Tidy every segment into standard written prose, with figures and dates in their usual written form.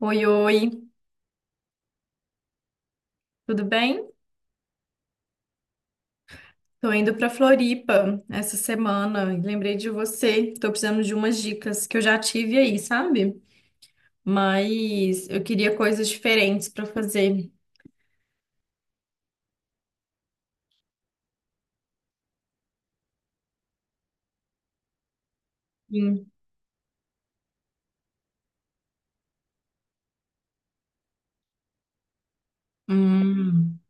Oi, oi, tudo bem? Tô indo pra Floripa essa semana. Lembrei de você. Tô precisando de umas dicas que eu já tive aí, sabe? Mas eu queria coisas diferentes pra fazer. Sim. Hum.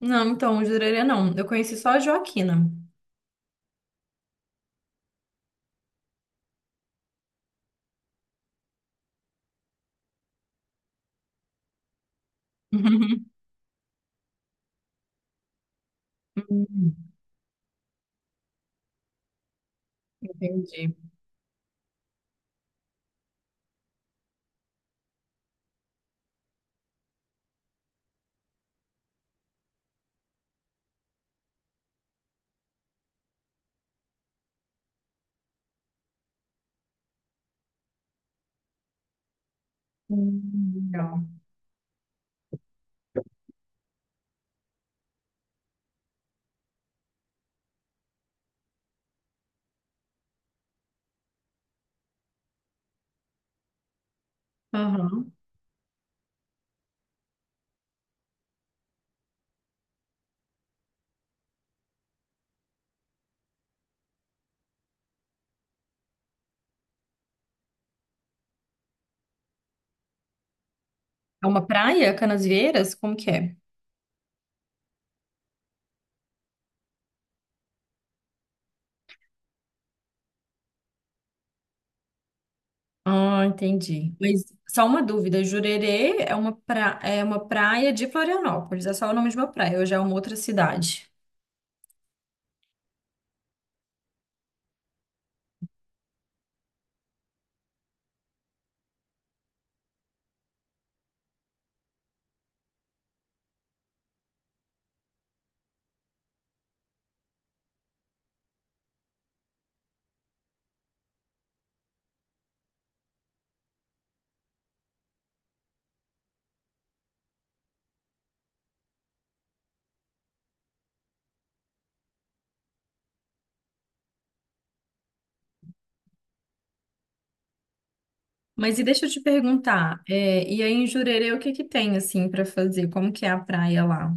Não, então, Jurerê não. Eu conheci só a Joaquina. Hum. Entendi. Hum. Legal. Aham. É uma praia, Canasvieiras? Como que é? Ah, entendi. Mas só uma dúvida, Jurerê é uma, pra é uma praia de Florianópolis, é só o nome de uma praia, hoje é uma outra cidade. Mas e deixa eu te perguntar, é, e aí em Jurerê o que que tem assim para fazer? Como que é a praia lá?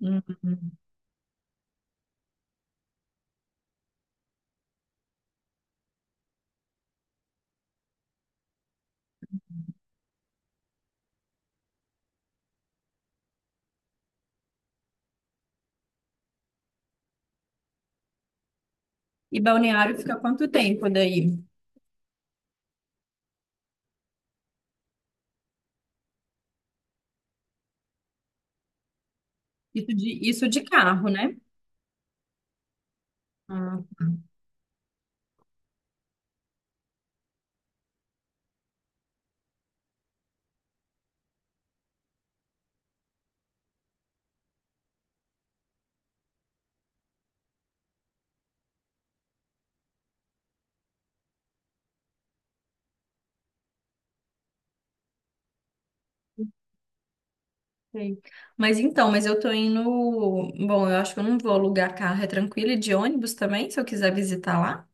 Hum. E Balneário fica quanto tempo daí? Isso de carro, né? Ah, sei. Mas então, mas eu tô indo. Bom, eu acho que eu não vou alugar carro, é tranquilo, e de ônibus também, se eu quiser visitar lá.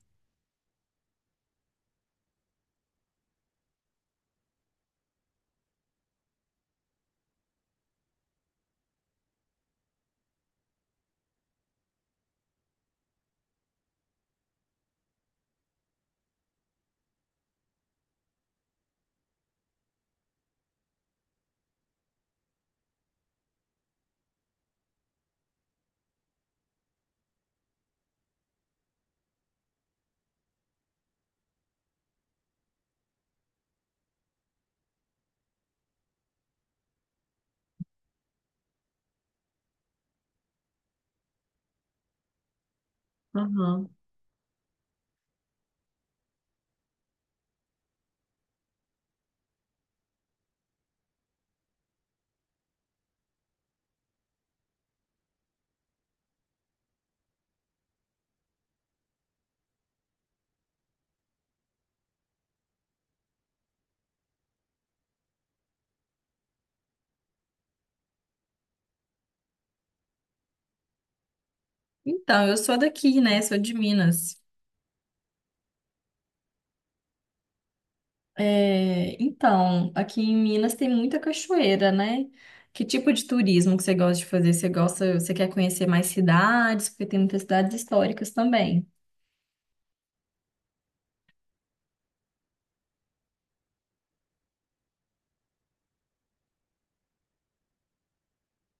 Aham. Então, eu sou daqui, né? Sou de Minas. É, então, aqui em Minas tem muita cachoeira, né? Que tipo de turismo que você gosta de fazer? Você gosta, você quer conhecer mais cidades? Porque tem muitas cidades históricas também.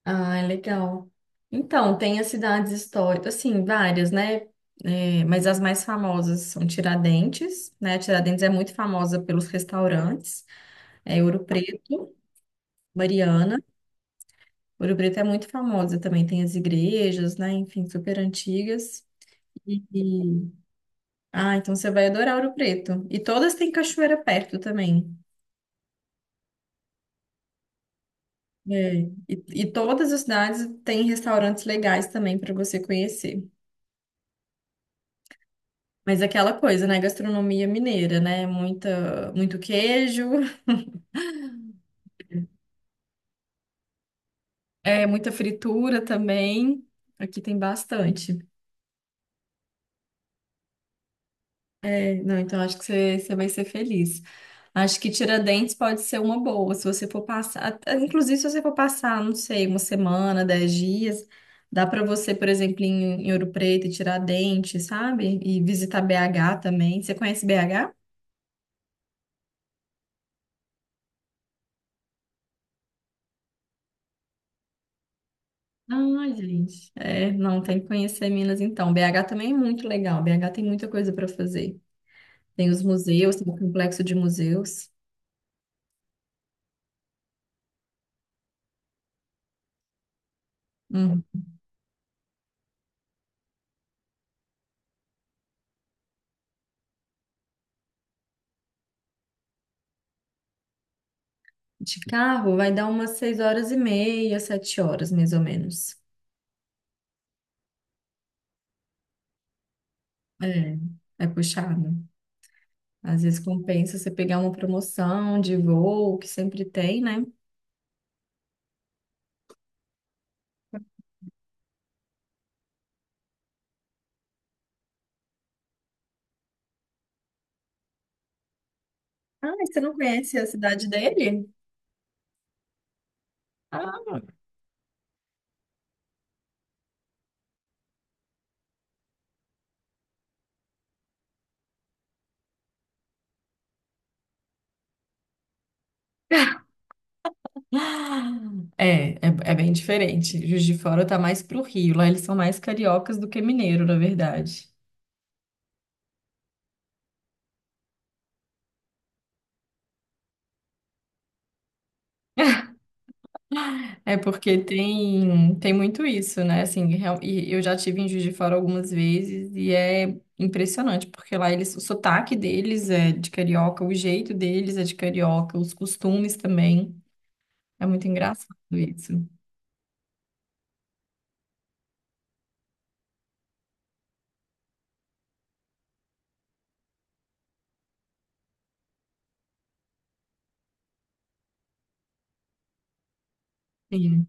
Ah, é legal. Então, tem as cidades históricas, assim, várias, né? É, mas as mais famosas são Tiradentes, né? Tiradentes é muito famosa pelos restaurantes, é Ouro Preto, Mariana. Ouro Preto é muito famosa também, tem as igrejas, né? Enfim, super antigas. Ah, então você vai adorar Ouro Preto. E todas têm cachoeira perto também. É. E, e todas as cidades têm restaurantes legais também para você conhecer. Mas é aquela coisa, né? Gastronomia mineira, né? Muita, muito queijo, é, muita fritura também. Aqui tem bastante. É, não, então acho que você, você vai ser feliz. Acho que Tiradentes pode ser uma boa, se você for passar, inclusive se você for passar, não sei, uma semana, 10 dias, dá para você, por exemplo, ir em, em Ouro Preto e Tiradentes, sabe? E visitar BH também. Você conhece BH? Ah, gente, é, não, tem que conhecer Minas então. BH também é muito legal, BH tem muita coisa para fazer. Tem os museus, tem o complexo de museus. Hum. De carro vai dar umas 6 horas e meia, 7 horas, mais ou menos. É, é puxado. Às vezes compensa você pegar uma promoção de voo, que sempre tem, né? Ah, e você não conhece a cidade dele? Ah, é, é, é bem diferente. Juiz de Fora tá mais pro Rio. Lá eles são mais cariocas do que mineiro, na verdade. É porque tem, tem muito isso, né? Assim, e eu já tive em Juiz de Fora algumas vezes e é impressionante, porque lá eles, o sotaque deles é de carioca, o jeito deles é de carioca, os costumes também. É muito engraçado isso. Sim.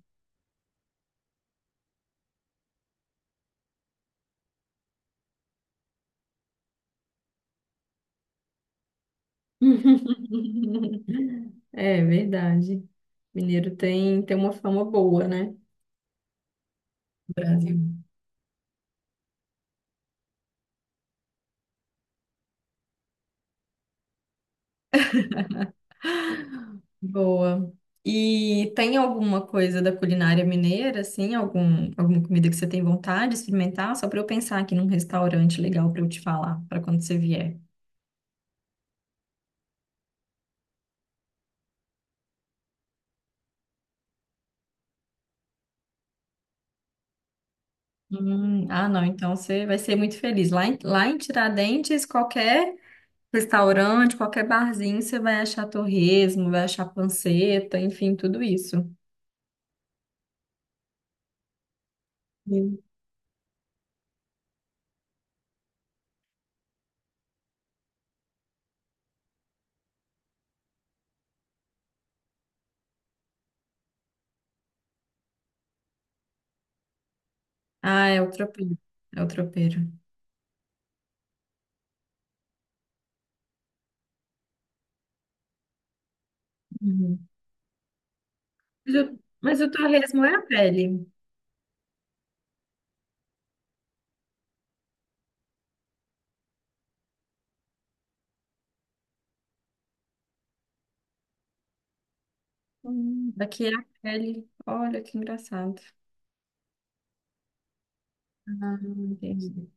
É verdade. Mineiro tem, tem uma fama boa, né? Brasil. Boa. E tem alguma coisa da culinária mineira, assim? Algum, alguma comida que você tem vontade de experimentar? Só para eu pensar aqui num restaurante legal para eu te falar, para quando você vier. Ah, não, então você vai ser muito feliz. Lá em Tiradentes, qualquer restaurante, qualquer barzinho, você vai achar torresmo, vai achar panceta, enfim, tudo isso. Sim. Ah, é o tropeiro. É o tropeiro. Uhum. Mas o torresmo é a pele. Aqui é a pele. Olha que engraçado. Ah, entendi.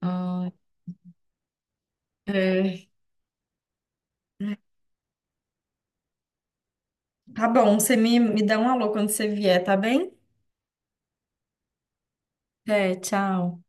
Ah, é. Tá bom, você me, me dá um alô quando você vier, tá bem? É, tchau.